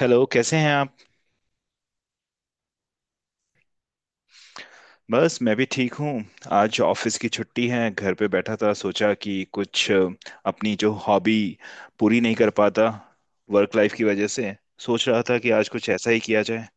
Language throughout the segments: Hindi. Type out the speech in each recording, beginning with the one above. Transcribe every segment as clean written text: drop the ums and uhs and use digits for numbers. हेलो, कैसे हैं आप? बस मैं भी ठीक हूँ। आज ऑफिस की छुट्टी है, घर पे बैठा था, सोचा कि कुछ अपनी जो हॉबी पूरी नहीं कर पाता वर्क लाइफ की वजह से, सोच रहा था कि आज कुछ ऐसा ही किया जाए।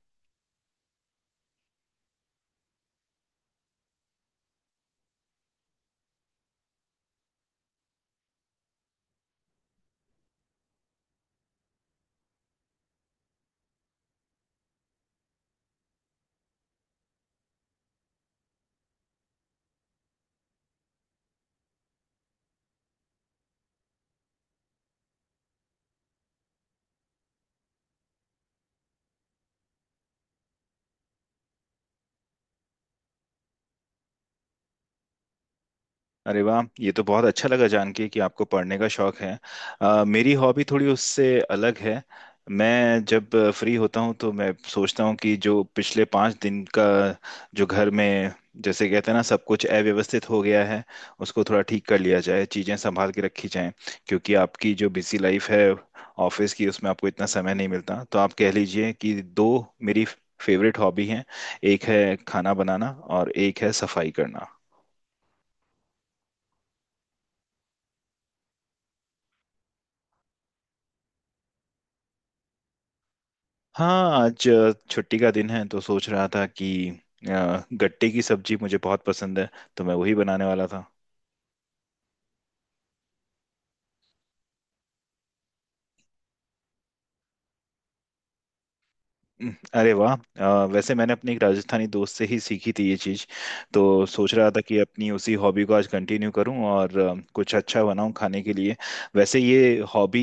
अरे वाह, ये तो बहुत अच्छा लगा जान के कि आपको पढ़ने का शौक है। मेरी हॉबी थोड़ी उससे अलग है। मैं जब फ्री होता हूँ तो मैं सोचता हूँ कि जो पिछले 5 दिन का जो घर में, जैसे कहते हैं ना, सब कुछ अव्यवस्थित हो गया है उसको थोड़ा ठीक कर लिया जाए, चीज़ें संभाल के रखी जाएं। क्योंकि आपकी जो बिजी लाइफ है ऑफिस की, उसमें आपको इतना समय नहीं मिलता, तो आप कह लीजिए कि दो मेरी फेवरेट हॉबी हैं। एक है खाना बनाना और एक है सफाई करना। हाँ, आज छुट्टी का दिन है तो सोच रहा था कि गट्टे की सब्जी मुझे बहुत पसंद है, तो मैं वही बनाने वाला था। हम्म। अरे वाह, वैसे मैंने अपने एक राजस्थानी दोस्त से ही सीखी थी ये चीज़। तो सोच रहा था कि अपनी उसी हॉबी को आज कंटिन्यू करूं और कुछ अच्छा बनाऊं खाने के लिए। वैसे ये हॉबी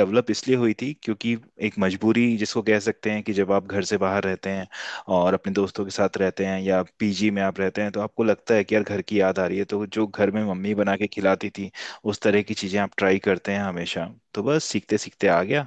डेवलप इसलिए हुई थी क्योंकि एक मजबूरी जिसको कह सकते हैं, कि जब आप घर से बाहर रहते हैं और अपने दोस्तों के साथ रहते हैं या पीजी में आप रहते हैं तो आपको लगता है कि यार घर की याद आ रही है, तो जो घर में मम्मी बना के खिलाती थी उस तरह की चीज़ें आप ट्राई करते हैं हमेशा, तो बस सीखते सीखते आ गया।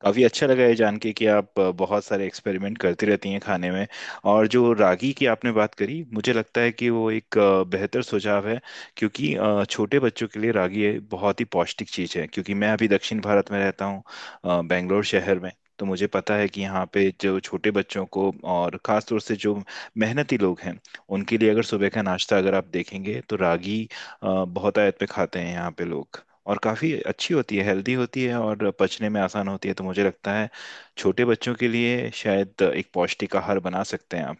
काफ़ी अच्छा लगा ये जान के कि आप बहुत सारे एक्सपेरिमेंट करती रहती हैं खाने में। और जो रागी की आपने बात करी, मुझे लगता है कि वो एक बेहतर सुझाव है, क्योंकि छोटे बच्चों के लिए रागी ये बहुत ही पौष्टिक चीज़ है। क्योंकि मैं अभी दक्षिण भारत में रहता हूँ, बेंगलोर शहर में। तो मुझे पता है कि यहाँ पे जो छोटे बच्चों को और ख़ास तौर से जो मेहनती लोग हैं उनके लिए, अगर सुबह का नाश्ता अगर आप देखेंगे तो रागी बहुत आयत पे खाते हैं यहाँ पे लोग। और काफ़ी अच्छी होती है, हेल्दी होती है और पचने में आसान होती है, तो मुझे लगता है छोटे बच्चों के लिए शायद एक पौष्टिक आहार बना सकते हैं आप।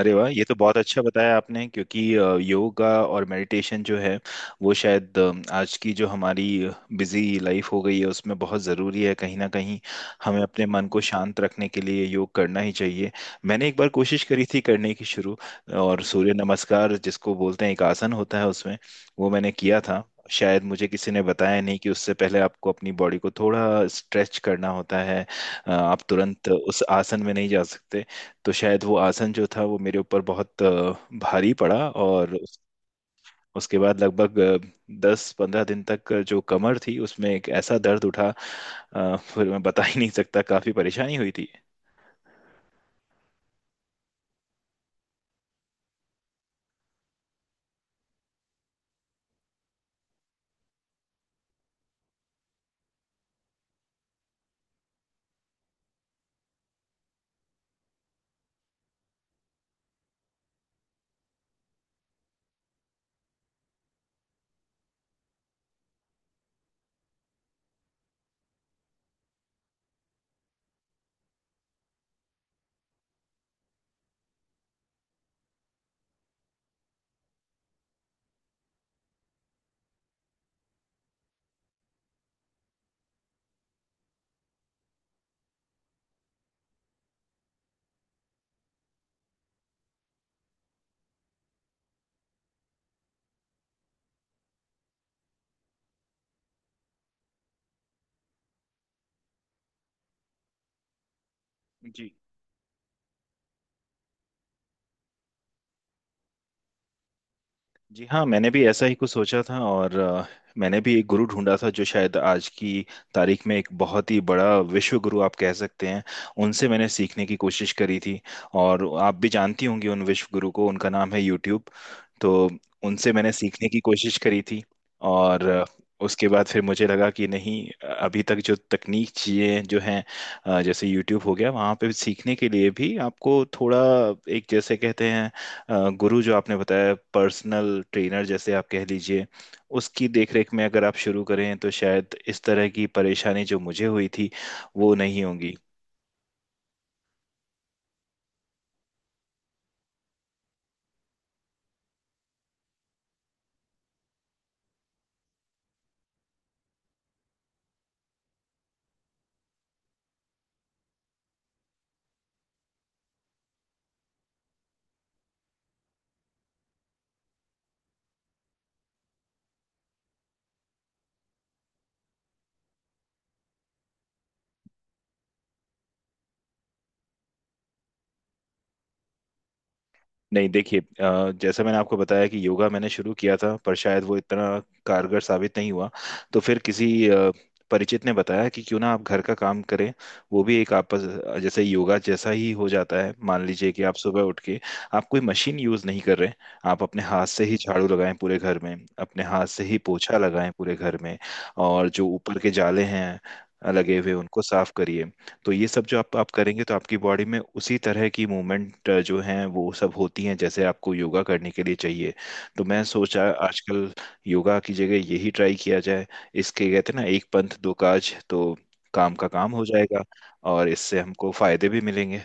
अरे वाह, ये तो बहुत अच्छा बताया आपने, क्योंकि योगा और मेडिटेशन जो है वो शायद आज की जो हमारी बिजी लाइफ हो गई है उसमें बहुत ज़रूरी है कहीं ना कहीं, हमें अपने मन को शांत रखने के लिए योग करना ही चाहिए। मैंने एक बार कोशिश करी थी करने की शुरू, और सूर्य नमस्कार जिसको बोलते हैं एक आसन होता है, उसमें वो मैंने किया था। शायद मुझे किसी ने बताया नहीं कि उससे पहले आपको अपनी बॉडी को थोड़ा स्ट्रेच करना होता है, आप तुरंत उस आसन में नहीं जा सकते। तो शायद वो आसन जो था वो मेरे ऊपर बहुत भारी पड़ा, और उसके बाद लगभग 10-15 दिन तक जो कमर थी उसमें एक ऐसा दर्द उठा फिर मैं बता ही नहीं सकता, काफी परेशानी हुई थी। जी। जी हाँ, मैंने भी ऐसा ही कुछ सोचा था, और मैंने भी एक गुरु ढूंढा था जो शायद आज की तारीख में एक बहुत ही बड़ा विश्व गुरु आप कह सकते हैं। उनसे मैंने सीखने की कोशिश करी थी, और आप भी जानती होंगी उन विश्व गुरु को, उनका नाम है यूट्यूब। तो उनसे मैंने सीखने की कोशिश करी थी, और उसके बाद फिर मुझे लगा कि नहीं, अभी तक जो तकनीक चीज़ें जो हैं जैसे यूट्यूब हो गया वहाँ पे सीखने के लिए भी आपको थोड़ा एक, जैसे कहते हैं, अ, गुरु जो आपने बताया, पर्सनल ट्रेनर जैसे आप कह लीजिए उसकी देखरेख में अगर आप शुरू करें तो शायद इस तरह की परेशानी जो मुझे हुई थी वो नहीं होंगी। नहीं, देखिए, जैसा मैंने आपको बताया कि योगा मैंने शुरू किया था पर शायद वो इतना कारगर साबित नहीं हुआ। तो फिर किसी परिचित ने बताया कि क्यों ना आप घर का काम करें, वो भी एक आपस जैसे योगा जैसा ही हो जाता है। मान लीजिए कि आप सुबह उठ के आप कोई मशीन यूज़ नहीं कर रहे, आप अपने हाथ से ही झाड़ू लगाएं पूरे घर में, अपने हाथ से ही पोछा लगाएं पूरे घर में, और जो ऊपर के जाले हैं लगे हुए उनको साफ करिए। तो ये सब जो आप करेंगे तो आपकी बॉडी में उसी तरह की मूवमेंट जो हैं वो सब होती हैं जैसे आपको योगा करने के लिए चाहिए। तो मैं सोचा आजकल योगा की जगह यही ट्राई किया जाए, इसके कहते हैं ना, एक पंथ दो काज, तो काम का काम हो जाएगा और इससे हमको फायदे भी मिलेंगे।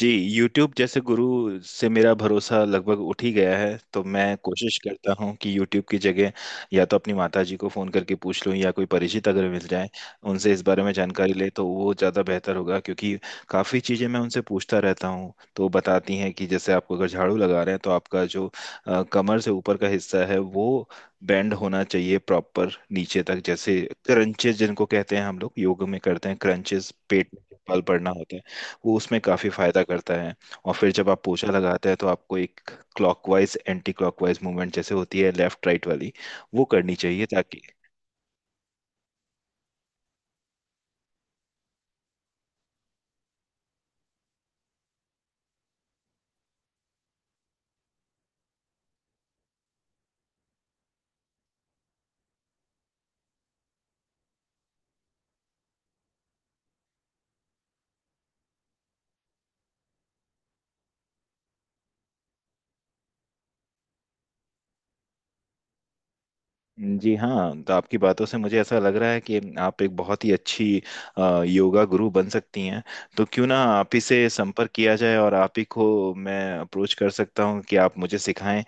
जी, YouTube जैसे गुरु से मेरा भरोसा लगभग उठ ही गया है, तो मैं कोशिश करता हूँ कि YouTube की जगह या तो अपनी माता जी को फ़ोन करके पूछ लूँ, या कोई परिचित अगर मिल जाए उनसे इस बारे में जानकारी ले, तो वो ज़्यादा बेहतर होगा। क्योंकि काफ़ी चीज़ें मैं उनसे पूछता रहता हूँ तो वो बताती हैं कि जैसे आपको अगर झाड़ू लगा रहे हैं तो आपका जो कमर से ऊपर का हिस्सा है वो बेंड होना चाहिए प्रॉपर नीचे तक, जैसे क्रंचेस जिनको कहते हैं हम लोग योग में करते हैं क्रंचेस, पेट में जो बल पड़ना होता है वो उसमें काफी फायदा करता है। और फिर जब आप पोछा लगाते हैं तो आपको एक क्लॉकवाइज एंटी क्लॉकवाइज मूवमेंट जैसे होती है, लेफ्ट राइट वाली, वो करनी चाहिए ताकि... जी हाँ, तो आपकी बातों से मुझे ऐसा लग रहा है कि आप एक बहुत ही अच्छी योगा गुरु बन सकती हैं, तो क्यों ना आप ही से संपर्क किया जाए और आप ही को मैं अप्रोच कर सकता हूँ कि आप मुझे सिखाएं।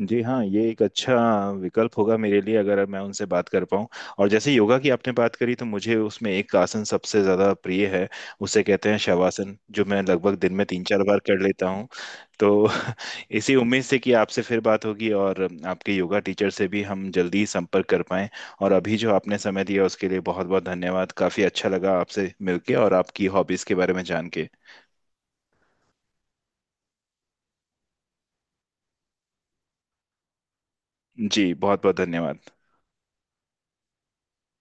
जी हाँ, ये एक अच्छा विकल्प होगा मेरे लिए अगर मैं उनसे बात कर पाऊँ। और जैसे योगा की आपने बात करी तो मुझे उसमें एक आसन सबसे ज़्यादा प्रिय है, उसे कहते हैं शवासन, जो मैं लगभग दिन में 3-4 बार कर लेता हूँ। तो इसी उम्मीद से कि आपसे फिर बात होगी और आपके योगा टीचर से भी हम जल्दी ही संपर्क कर पाएँ। और अभी जो आपने समय दिया उसके लिए बहुत बहुत धन्यवाद, काफ़ी अच्छा लगा आपसे मिलके और आपकी हॉबीज़ के बारे में जान के। जी, बहुत बहुत धन्यवाद।